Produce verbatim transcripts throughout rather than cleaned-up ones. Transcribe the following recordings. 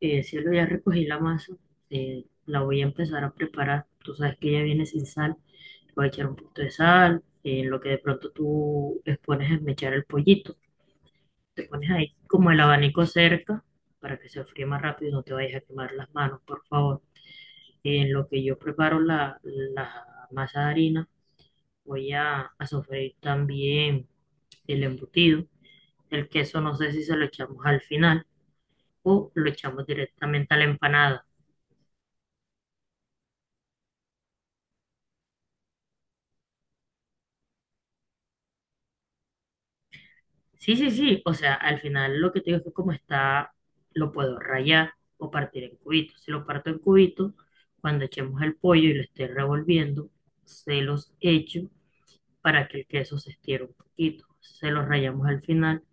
Eh, cielo, ya recogí la masa, eh, la voy a empezar a preparar. Tú sabes que ella viene sin sal, le voy a echar un poquito de sal, eh, lo que de pronto tú les pones a mechar el pollito. Te pones ahí como el abanico cerca para que se enfríe más rápido y no te vayas a quemar las manos, por favor. En lo que yo preparo la, la masa de harina, voy a, a sofreír también el embutido. El queso no sé si se lo echamos al final o lo echamos directamente a la empanada. Sí, sí, sí. O sea, al final lo que te digo es que como está, lo puedo rayar o partir en cubitos. Si lo parto en cubitos, cuando echemos el pollo y lo esté revolviendo, se los echo para que el queso se estire un poquito. Se los rayamos al final.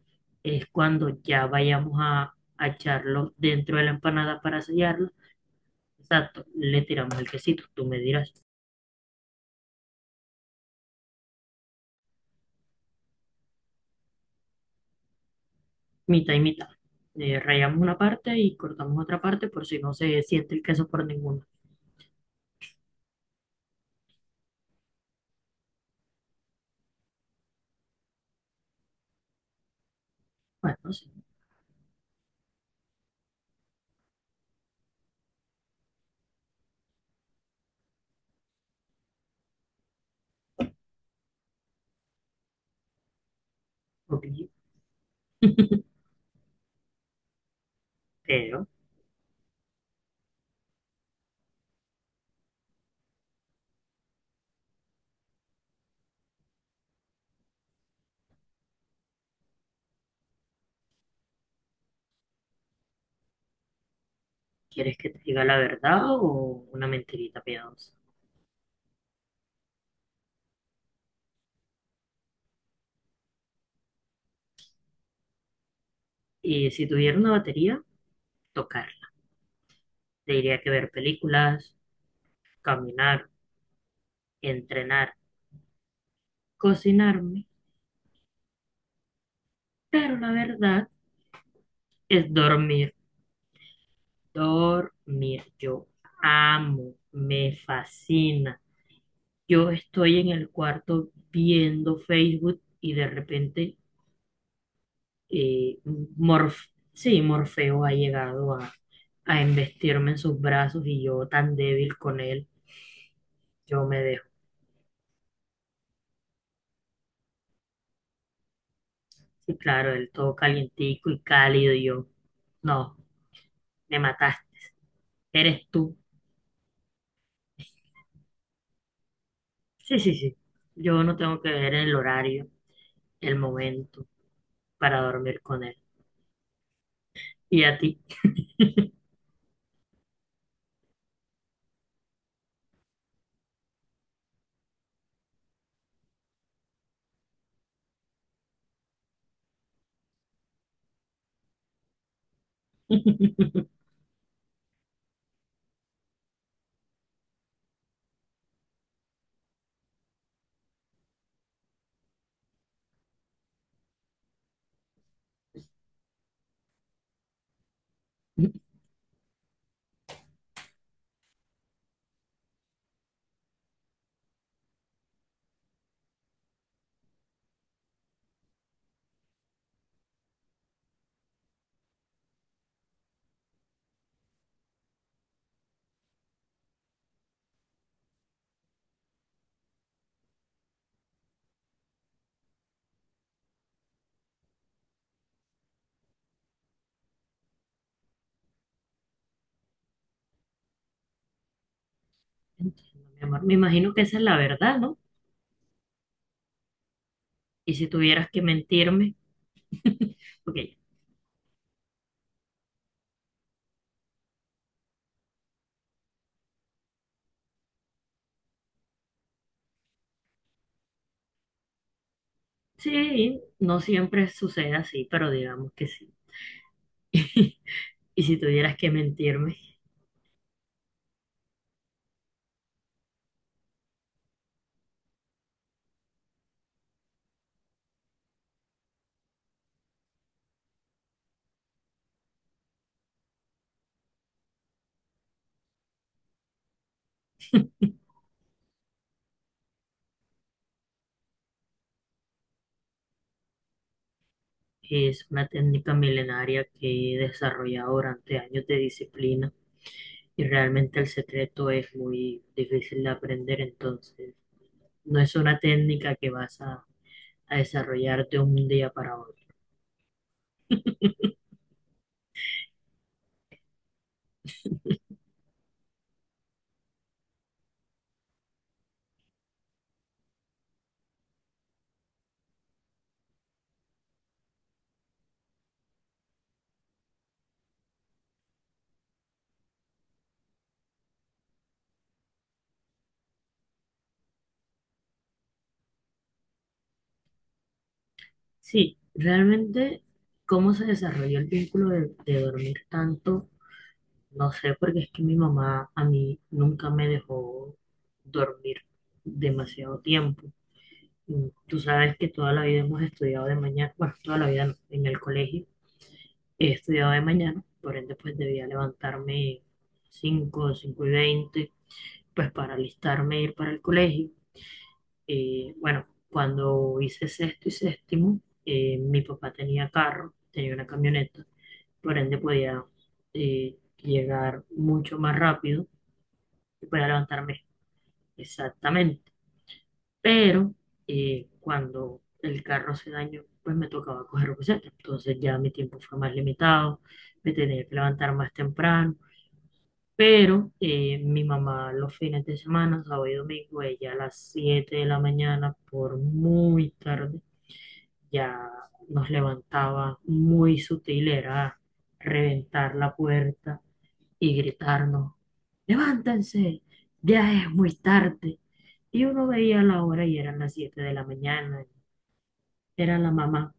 Es cuando ya vayamos a, a echarlo dentro de la empanada para sellarlo. Exacto, le tiramos el quesito. Tú me dirás, mitad y mitad. Eh, rayamos una parte y cortamos otra parte por si no se siente el queso por ninguna. Bueno, sí. Ok. Pero, ¿quieres que te diga la verdad o una mentirita piadosa? Y si tuviera una batería, tocar. Te diría que ver películas, caminar, entrenar, cocinarme. Pero la verdad es dormir. Dormir. Yo amo, me fascina. Yo estoy en el cuarto viendo Facebook y de repente. Y Morf, sí, Morfeo ha llegado a, a embestirme en sus brazos y yo tan débil con él, yo me dejo. Sí, claro, él todo calientico y cálido y yo, no, me mataste, eres tú. Sí, sí, sí, yo no tengo que ver el horario, el momento para dormir con él. ¿Y a ti? Entiendo. Mi amor, me imagino que esa es la verdad, ¿no? Y si tuvieras que mentirme, ok. Sí, no siempre sucede así, pero digamos que sí. Y si tuvieras que mentirme, es una técnica milenaria que he desarrollado durante años de disciplina y realmente el secreto es muy difícil de aprender, entonces no es una técnica que vas a, a desarrollar de un día para otro. Sí, realmente cómo se desarrolló el vínculo de, de dormir tanto. No sé, porque es que mi mamá a mí nunca me dejó dormir demasiado tiempo. Mm. Tú sabes que toda la vida hemos estudiado de mañana, bueno, toda la vida no, en el colegio he estudiado de mañana, por ende pues debía levantarme cinco, cinco y veinte, pues para alistarme e ir para el colegio. Eh, bueno, cuando hice sexto y séptimo, eh, mi papá tenía carro, tenía una camioneta, por ende podía eh, llegar mucho más rápido. Voy a levantarme exactamente. Pero eh, cuando el carro se dañó, pues me tocaba coger buseta. Entonces ya mi tiempo fue más limitado, me tenía que levantar más temprano. Pero eh, mi mamá los fines de semana, sábado y domingo, ella a las siete de la mañana, por muy tarde, ya nos levantaba muy sutil, era reventar la puerta y gritarnos: levántense, ya es muy tarde. Y uno veía la hora y eran las siete de la mañana, era la mamá.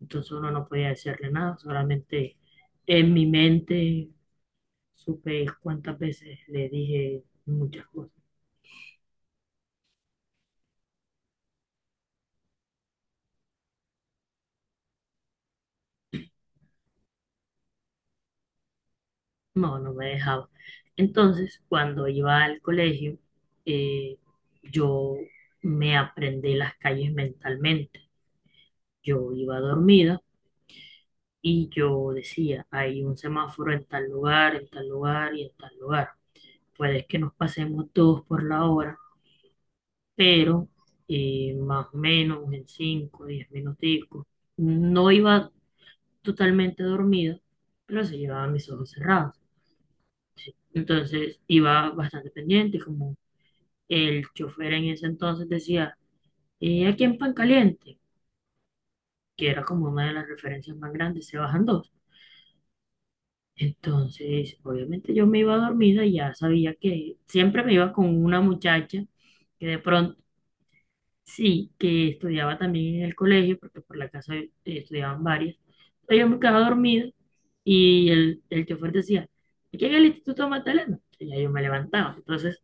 Entonces uno no podía hacerle nada, solamente en mi mente supe cuántas veces le dije muchas cosas. No, no me dejaba. Entonces, cuando iba al colegio, eh, yo me aprendí las calles mentalmente. Yo iba dormida y yo decía: hay un semáforo en tal lugar, en tal lugar y en tal lugar. Puede que nos pasemos todos por la hora, pero eh, más o menos en cinco, diez minuticos. No iba totalmente dormida, pero se llevaba mis ojos cerrados. ¿Sí? Entonces iba bastante pendiente, como el chofer en ese entonces decía: eh, aquí en Pan Caliente, que era como una de las referencias más grandes, se bajan dos. Entonces, obviamente yo me iba dormida y ya sabía que siempre me iba con una muchacha que de pronto, sí, que estudiaba también en el colegio, porque por la casa eh, estudiaban varias. Entonces yo me quedaba dormida y el, el chofer decía: aquí en el Instituto Magdalena. Y ya yo me levantaba. Entonces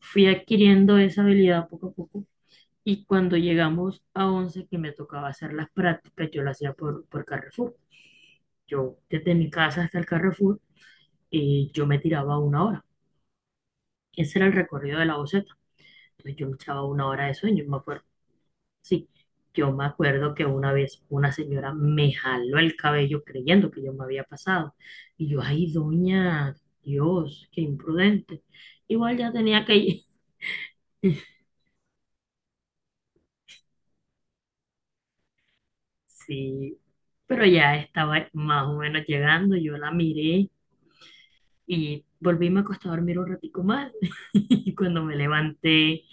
fui adquiriendo esa habilidad poco a poco y cuando llegamos a once que me tocaba hacer las prácticas, yo las hacía por, por Carrefour. Yo desde mi casa hasta el Carrefour y yo me tiraba una hora. Ese era el recorrido de la boceta. Entonces yo me echaba una hora de sueño, me acuerdo. Sí, yo me acuerdo que una vez una señora me jaló el cabello creyendo que yo me había pasado. Y yo, ay, doña, Dios, qué imprudente. Igual ya tenía que ir. Sí, pero ya estaba más o menos llegando, yo la miré y volví y me acosté a dormir un ratico más. Y cuando me levanté,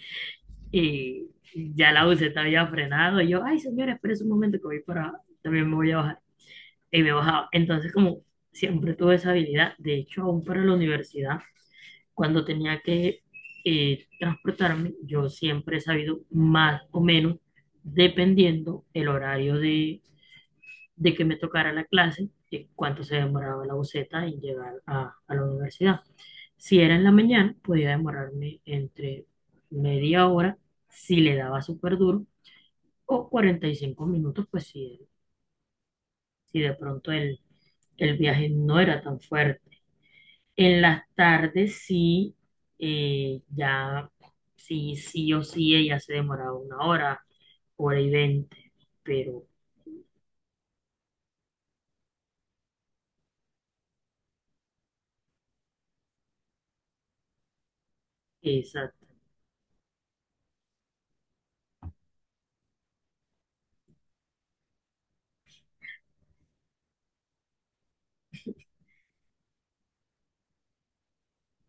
Y ya el auto se había frenado. Y yo, ay, señora, espérese un momento que voy para. También me voy a bajar. Y me bajaba. Entonces, como siempre tuve esa habilidad, de hecho, aún para la universidad, cuando tenía que eh, transportarme, yo siempre he sabido más o menos, dependiendo el horario de de que me tocara la clase, eh, cuánto se demoraba la buceta en llegar a, a la universidad. Si era en la mañana, podía demorarme entre media hora si le daba súper duro o cuarenta y cinco minutos, pues si, si de pronto el, el viaje no era tan fuerte. En las tardes sí, eh, ya sí, sí o sí, ella se demoraba una hora, hora y veinte, pero exacto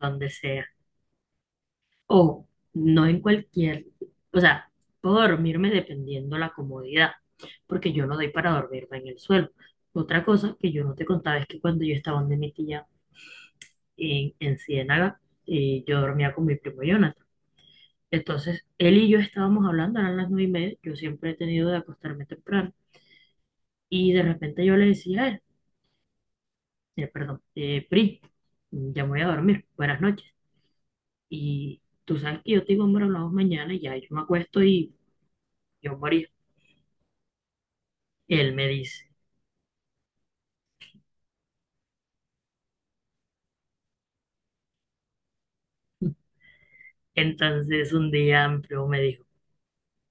donde sea o no en cualquier, o sea, puedo dormirme dependiendo la comodidad, porque yo no doy para dormirme en el suelo. Otra cosa que yo no te contaba es que cuando yo estaba donde mi tía en, en Ciénaga, eh, yo dormía con mi primo Jonathan. Entonces, él y yo estábamos hablando, eran las nueve y media, yo siempre he tenido de acostarme temprano, y de repente yo le decía a él: eh, perdón, eh, Pri, ya me voy a dormir, buenas noches. Y tú sabes que yo te digo: hombre, hablamos mañana. Y ya yo me acuesto y yo morí. Y él me dice. Entonces un día amplio me dijo: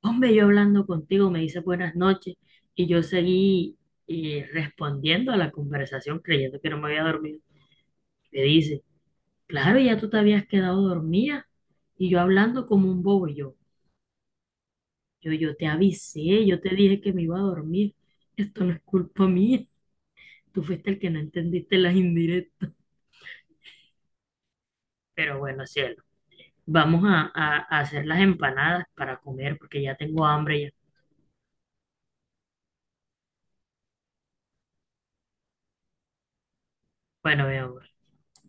hombre, yo hablando contigo me dice buenas noches y yo seguí eh, respondiendo a la conversación creyendo que no me había dormido. Me dice: claro, ya tú te habías quedado dormida y yo hablando como un bobo y yo, yo, yo, te avisé, yo te dije que me iba a dormir, esto no es culpa mía, tú fuiste el que no entendiste las indirectas. Pero bueno, cielo, vamos a, a- a hacer las empanadas para comer porque ya tengo hambre ya. Bueno, mi amor.